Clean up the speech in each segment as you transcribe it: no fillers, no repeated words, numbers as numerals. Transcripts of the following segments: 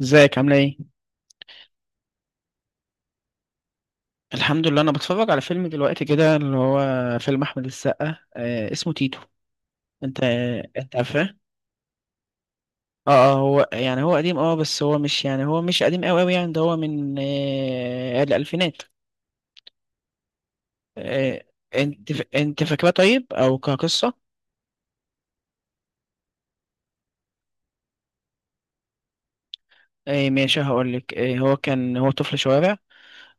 ازيك عاملة ايه؟ الحمد لله، انا بتفرج على فيلم دلوقتي كده اللي هو فيلم احمد السقا اسمه تيتو. انت انت عارفاه؟ اه اه، هو قديم. اه بس هو مش قديم قوي قوي، يعني ده هو من الالفينات. آه انت فاكراه طيب او كقصة؟ ماشي، هقول لك. هو كان هو طفل شوارع،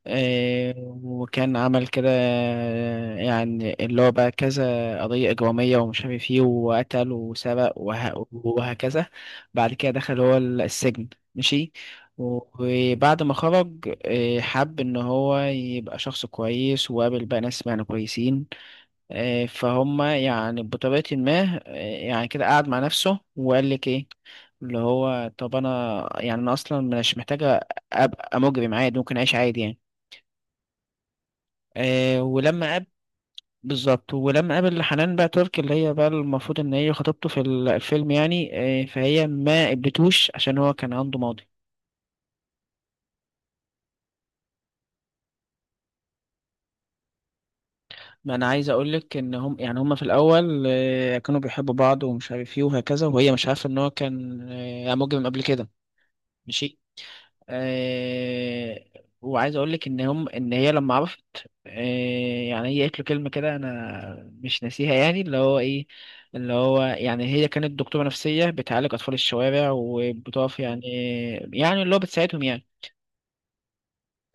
آه، وكان عمل كده، يعني اللي هو بقى كذا قضية إجرامية ومش عارف ايه وقتل وسرق وهكذا. بعد كده دخل هو السجن. ماشي. وبعد ما خرج، حب إن هو يبقى شخص كويس وقابل بقى ناس يعني كويسين، فهم يعني بطريقة ما. يعني كده قعد مع نفسه وقال لك ايه، اللي هو طب أنا يعني أنا أصلا مش محتاجة أبقى مجرم، عادي ممكن أعيش عادي يعني. آه ولما قاب بالظبط، ولما قابل حنان بقى ترك، اللي هي بقى المفروض ان هي خطيبته في الفيلم يعني. فهي ما قبلتوش عشان هو كان عنده ماضي. ما انا عايز اقول لك ان هم في الاول، كانوا بيحبوا بعض ومش عارف ايه وهكذا، وهي مش عارفه ان هو كان مجرم قبل كده. ماشي. آه وعايز اقول لك ان ان هي لما عرفت، يعني هي قالت له كلمه كده انا مش ناسيها، يعني اللي هو ايه، اللي هو يعني هي كانت دكتوره نفسيه بتعالج اطفال الشوارع وبتقف يعني، يعني اللي هو بتساعدهم يعني.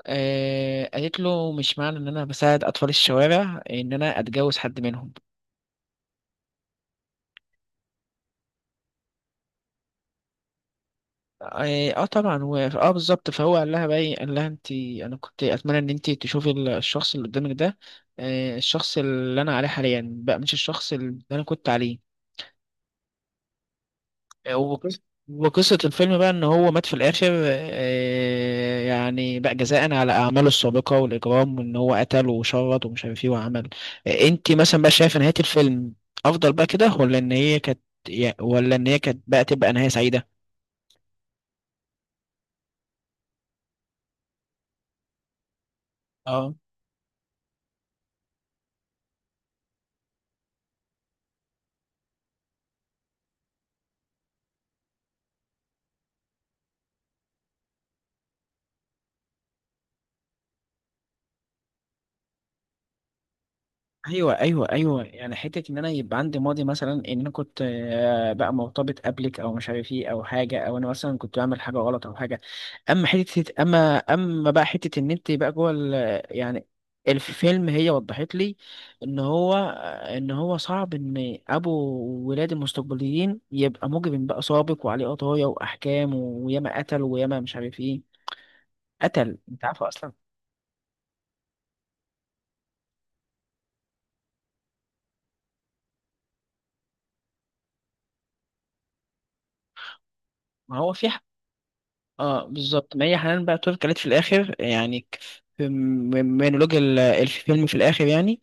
قالت له مش معنى ان انا بساعد اطفال الشوارع ان انا اتجوز حد منهم. طبعا، و... اه بالظبط. فهو قال لها بقى ايه، قال لها انت انا كنت اتمنى ان انت تشوفي الشخص اللي قدامك ده، الشخص اللي انا عليه حاليا بقى مش الشخص اللي انا كنت عليه. آه، وقص- وقصة الفيلم بقى ان هو مات في الاخر، يعني بقى جزاء على اعماله السابقة والاجرام، وان هو قتل وشرد ومش عارف ايه وعمل. انت مثلا بقى شايفه نهاية الفيلم افضل بقى كده، ولا ان هي كانت ولا ان هي كانت بقى تبقى نهاية سعيدة؟ اه، ايوه ايوه ايوه، يعني حته ان انا يبقى عندي ماضي، مثلا ان انا كنت، بقى مرتبط قبلك او مش عارف ايه او حاجه، او انا مثلا كنت بعمل حاجه غلط او حاجه. اما حته اما بقى حته ان انت بقى جوه يعني الفيلم، هي وضحت لي ان هو، ان هو صعب ان ابو ولاد المستقبليين يبقى مجرم بقى سابق وعليه قضايا واحكام وياما قتل وياما مش عارف ايه قتل، انت عارفه اصلا. ما هو في، اه بالظبط، ما هي حنان بقى ترك قالت في الاخر، يعني في مونولوج الفيلم في الاخر، يعني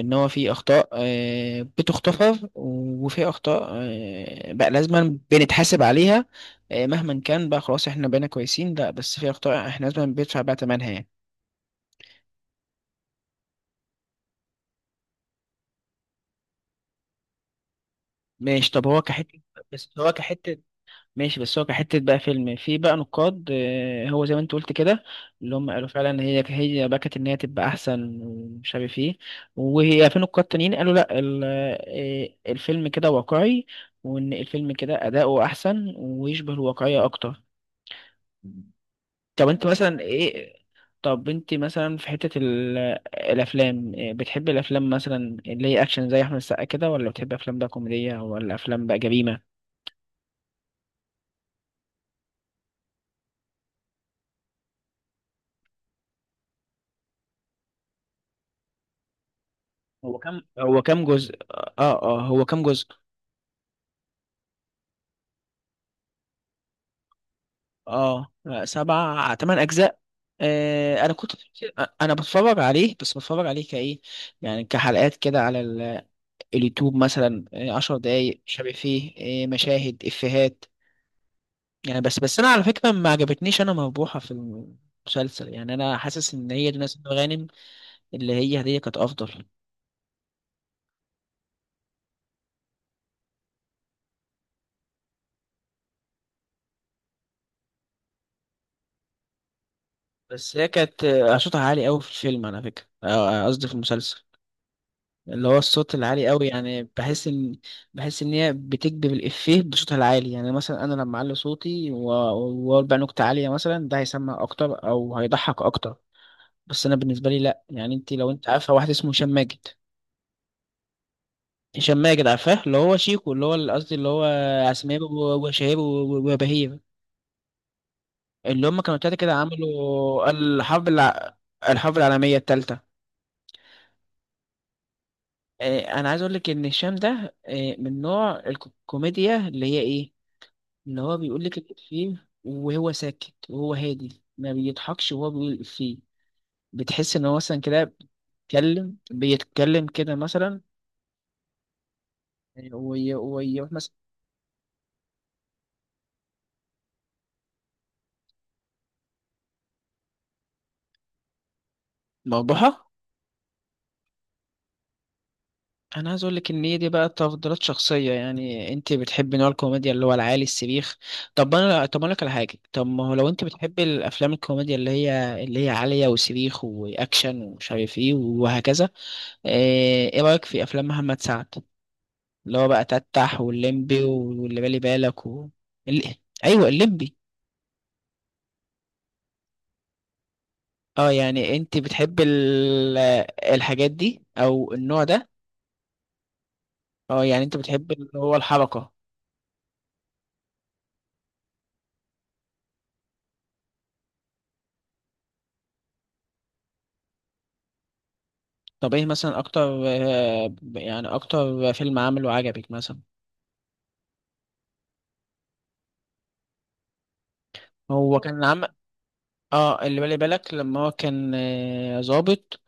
ان هو في اخطاء، بتغتفر، وفي اخطاء، بقى لازما بنتحاسب عليها، مهما كان بقى. خلاص احنا بقينا كويسين، لا بس في اخطاء احنا لازما بندفع بقى ثمنها يعني. ماشي. طب هو كحته بس هو كحته ماشي بس هو كحتة بقى فيلم، في بقى نقاد، هو زي ما انت قلت كده، اللي هم قالوا فعلا هي بكت ان هي تبقى احسن ومش عارف ايه، وهي في نقاد تانيين قالوا لا، الفيلم كده واقعي، وان الفيلم كده اداؤه احسن ويشبه الواقعية اكتر. طب انت مثلا ايه، طب انت مثلا في حتة الافلام، بتحب الافلام مثلا اللي هي اكشن زي احمد السقا كده، ولا بتحب افلام بقى كوميدية، ولا افلام بقى جريمة؟ هو كام جزء؟ هو كام جزء؟ اه، سبع تمن اجزاء. انا كنت، انا بتفرج عليه، بس بتفرج عليه كايه، يعني كحلقات كده على اليوتيوب مثلا، عشر دقايق مش عارف فيه، مشاهد افيهات يعني. بس انا على فكره ما عجبتنيش انا مربوحه في المسلسل، يعني انا حاسس ان هي دي ناس غانم، اللي هي هديه كانت افضل. بس هي كانت، صوتها عالي قوي في الفيلم، على فكره، قصدي في المسلسل، اللي هو الصوت العالي قوي، يعني بحس ان، بحس ان هي بتكذب الافيه بصوتها العالي. يعني مثلا انا لما اعلي صوتي واقول بقى نكته عاليه مثلا، ده هيسمع اكتر او هيضحك اكتر، بس انا بالنسبه لي لا. يعني انت، لو انت عارفه واحد اسمه هشام ماجد، هشام ماجد، عارفاه؟ اللي هو شيكو، اللي هو قصدي اللي هو عسمير وشهير وبهير، اللي هم كانوا تلاته كده عملوا الحرب العالميه الثالثه. انا عايز اقول لك ان هشام ده، من نوع الكوميديا اللي هي ايه، اللي هو بيقول لك الإفيه وهو ساكت، وهو هادي ما بيضحكش وهو بيقول الإفيه، بتحس إن هو مثلا كده بيتكلم كده مثلا، ويروح مثلا. مربوحة. أنا عايز أقول لك إن هي دي بقى تفضيلات شخصية، يعني أنت بتحبي نوع الكوميديا اللي هو العالي السبيخ. طب أنا طب أقول لك على حاجة، طب ما هو لو أنت بتحبي الأفلام الكوميديا اللي هي عالية وسبيخ وأكشن ومش عارف إيه وهكذا، إيه إيه رأيك في أفلام محمد سعد؟ اللي هو بقى تتح والليمبي واللي بالي بالك ال... ايوه، الليمبي. اه، يعني انت بتحب الحاجات دي او النوع ده؟ اه، يعني انت بتحب اللي هو الحركة. طب ايه مثلا اكتر، يعني اكتر فيلم عمله عجبك مثلا؟ هو كان عم اه، اللي بالي بالك، لما هو كان، ظابط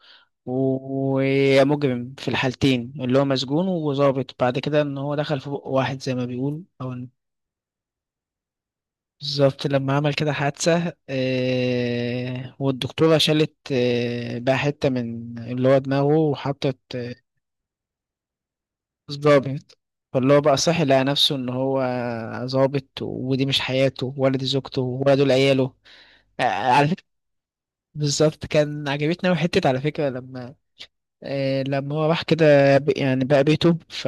و- ومجرم في الحالتين، اللي هو مسجون وظابط بعد كده، ان هو دخل في بق واحد زي ما بيقول. او بالظبط، لما عمل كده حادثة، والدكتورة شالت، بقى حتة من اللي هو دماغه وحطت، ضابط، فاللي هو بقى صحي لقى نفسه إن هو ظابط، ودي مش حياته، ولا دي زوجته، ولا دول عياله، على فكرة. بالظبط، كان عجبتني أوي حتة على فكرة، لما، لما هو راح كده يعني بقى بيته. ف،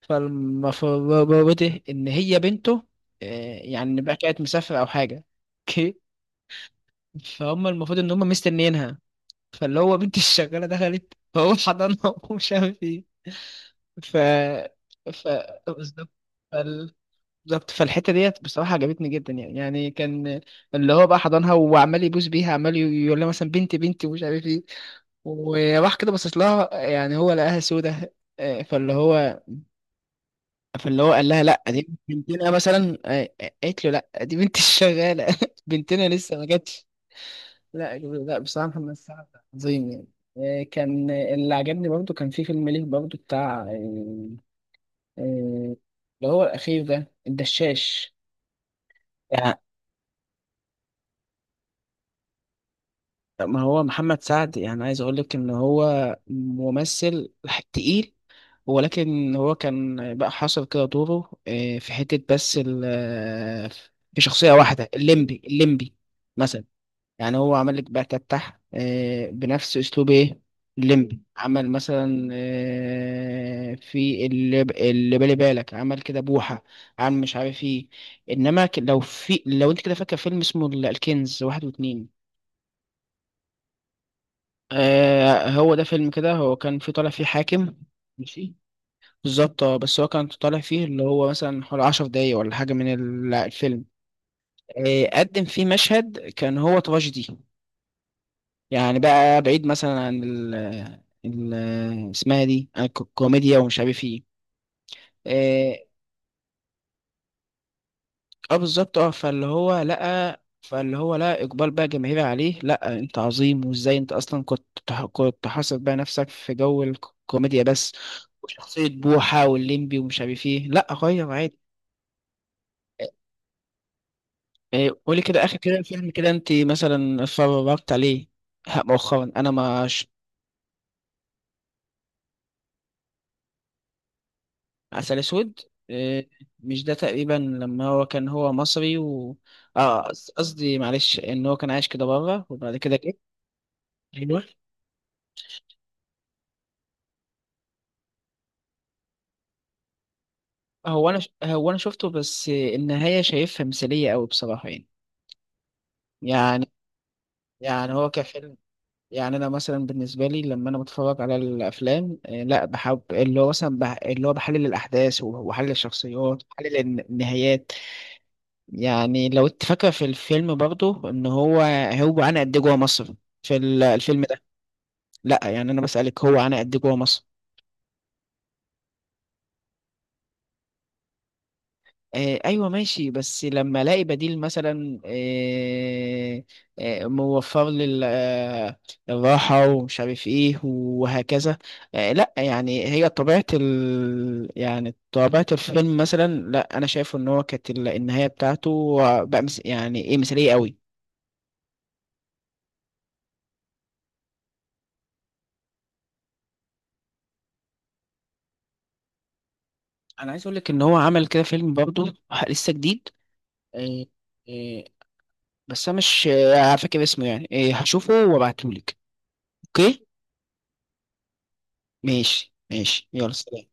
فالمفروض إن هي بنته، آه، يعني بقى كانت مسافرة أو حاجة. فهم المفروض ان هم مستنيينها، فاللي هو بنت الشغاله دخلت فهو حضنها ومش عارف ايه. ف، ف بالظبط. فال- بالظبط، فالحته ديت بصراحه عجبتني جدا يعني، يعني كان اللي هو بقى حضنها وعمال يبوس بيها، عمال يقول لها مثلا بنتي بنتي ومش عارف ايه، وراح كده باصص لها يعني، هو لقاها سودة، آه، فاللي هو فاللي هو قال لها لا دي بنتنا مثلا، قالت له لا دي بنت الشغاله، بنتنا لسه ما جاتش. لا لا، بصراحة محمد سعد عظيم يعني، كان، اللي عجبني برضو كان في فيلم ليه برضو بتاع، آه، اللي هو الأخير ده الدشاش. يعني ما هو محمد سعد، يعني عايز أقول لك إن هو ممثل تقيل، ولكن هو كان بقى حاصر كده دوره، في حتة بس في شخصية واحدة، الليمبي، الليمبي مثلا. يعني هو عمل لك بقى تفتح، بنفس اسلوب ايه، الليمبي عمل مثلا، في اللي بالي بالك عمل كده بوحة، عمل مش عارف ايه. انما لو في، لو انت كده فاكر فيلم اسمه الكنز واحد واتنين، هو ده فيلم كده، هو كان في طالع فيه حاكم. ماشي. بالظبط، اه بس هو كان طالع فيه اللي هو مثلا حوالي عشر دقايق ولا حاجة من الفيلم. قدم فيه مشهد كان هو تراجيدي، يعني بقى بعيد مثلا عن ال، ال اسمها دي، عن الكوميديا ومش عارف ايه. إيه، اه بالظبط، اه فاللي هو لقى اقبال بقى جماهيري عليه، لا انت عظيم وازاي انت اصلا كنت كنت حاصر بقى نفسك في جو الكوميديا بس، وشخصية بوحة والليمبي ومش عارف ايه، لا غير عادي. إيه، قولي كده اخر كده فيلم كده انت مثلا اتفرجت عليه؟ ها، مؤخرا انا ما، عسل اسود، آه، مش ده تقريبا لما هو كان هو مصري و، قصدي معلش، ان هو كان عايش كده بره وبعد كده جه. ايوه. هو انا هو انا شفته، بس النهايه شايفها مثاليه قوي بصراحه يعني، يعني، يعني هو كفيلم. يعني انا مثلا بالنسبه لي لما انا بتفرج على الافلام، لا بحب اللي هو مثلا اللي هو بحلل الاحداث وبحلل الشخصيات وبحلل النهايات. يعني لو انت فاكره في الفيلم برضه ان هو، هو انا قد إيه جوه مصر في الفيلم، لا يعني انا بسألك، هو انا قد إيه جوه مصر؟ ايوه ماشي، بس لما الاقي بديل مثلا، موفر لي الراحه ومش عارف ايه وهكذا، لا يعني هي طبيعه ال، يعني طبيعه الفيلم مثلا، لا انا شايفه ان هو كانت النهايه بتاعته بقى مس، يعني ايه، مثاليه قوي. انا عايز اقول لك ان هو عمل كده فيلم برضه لسه جديد، آه آه بس انا مش، فاكر اسمه يعني، هشوفه وابعتهولك. اوكي. ماشي، يلا سلام.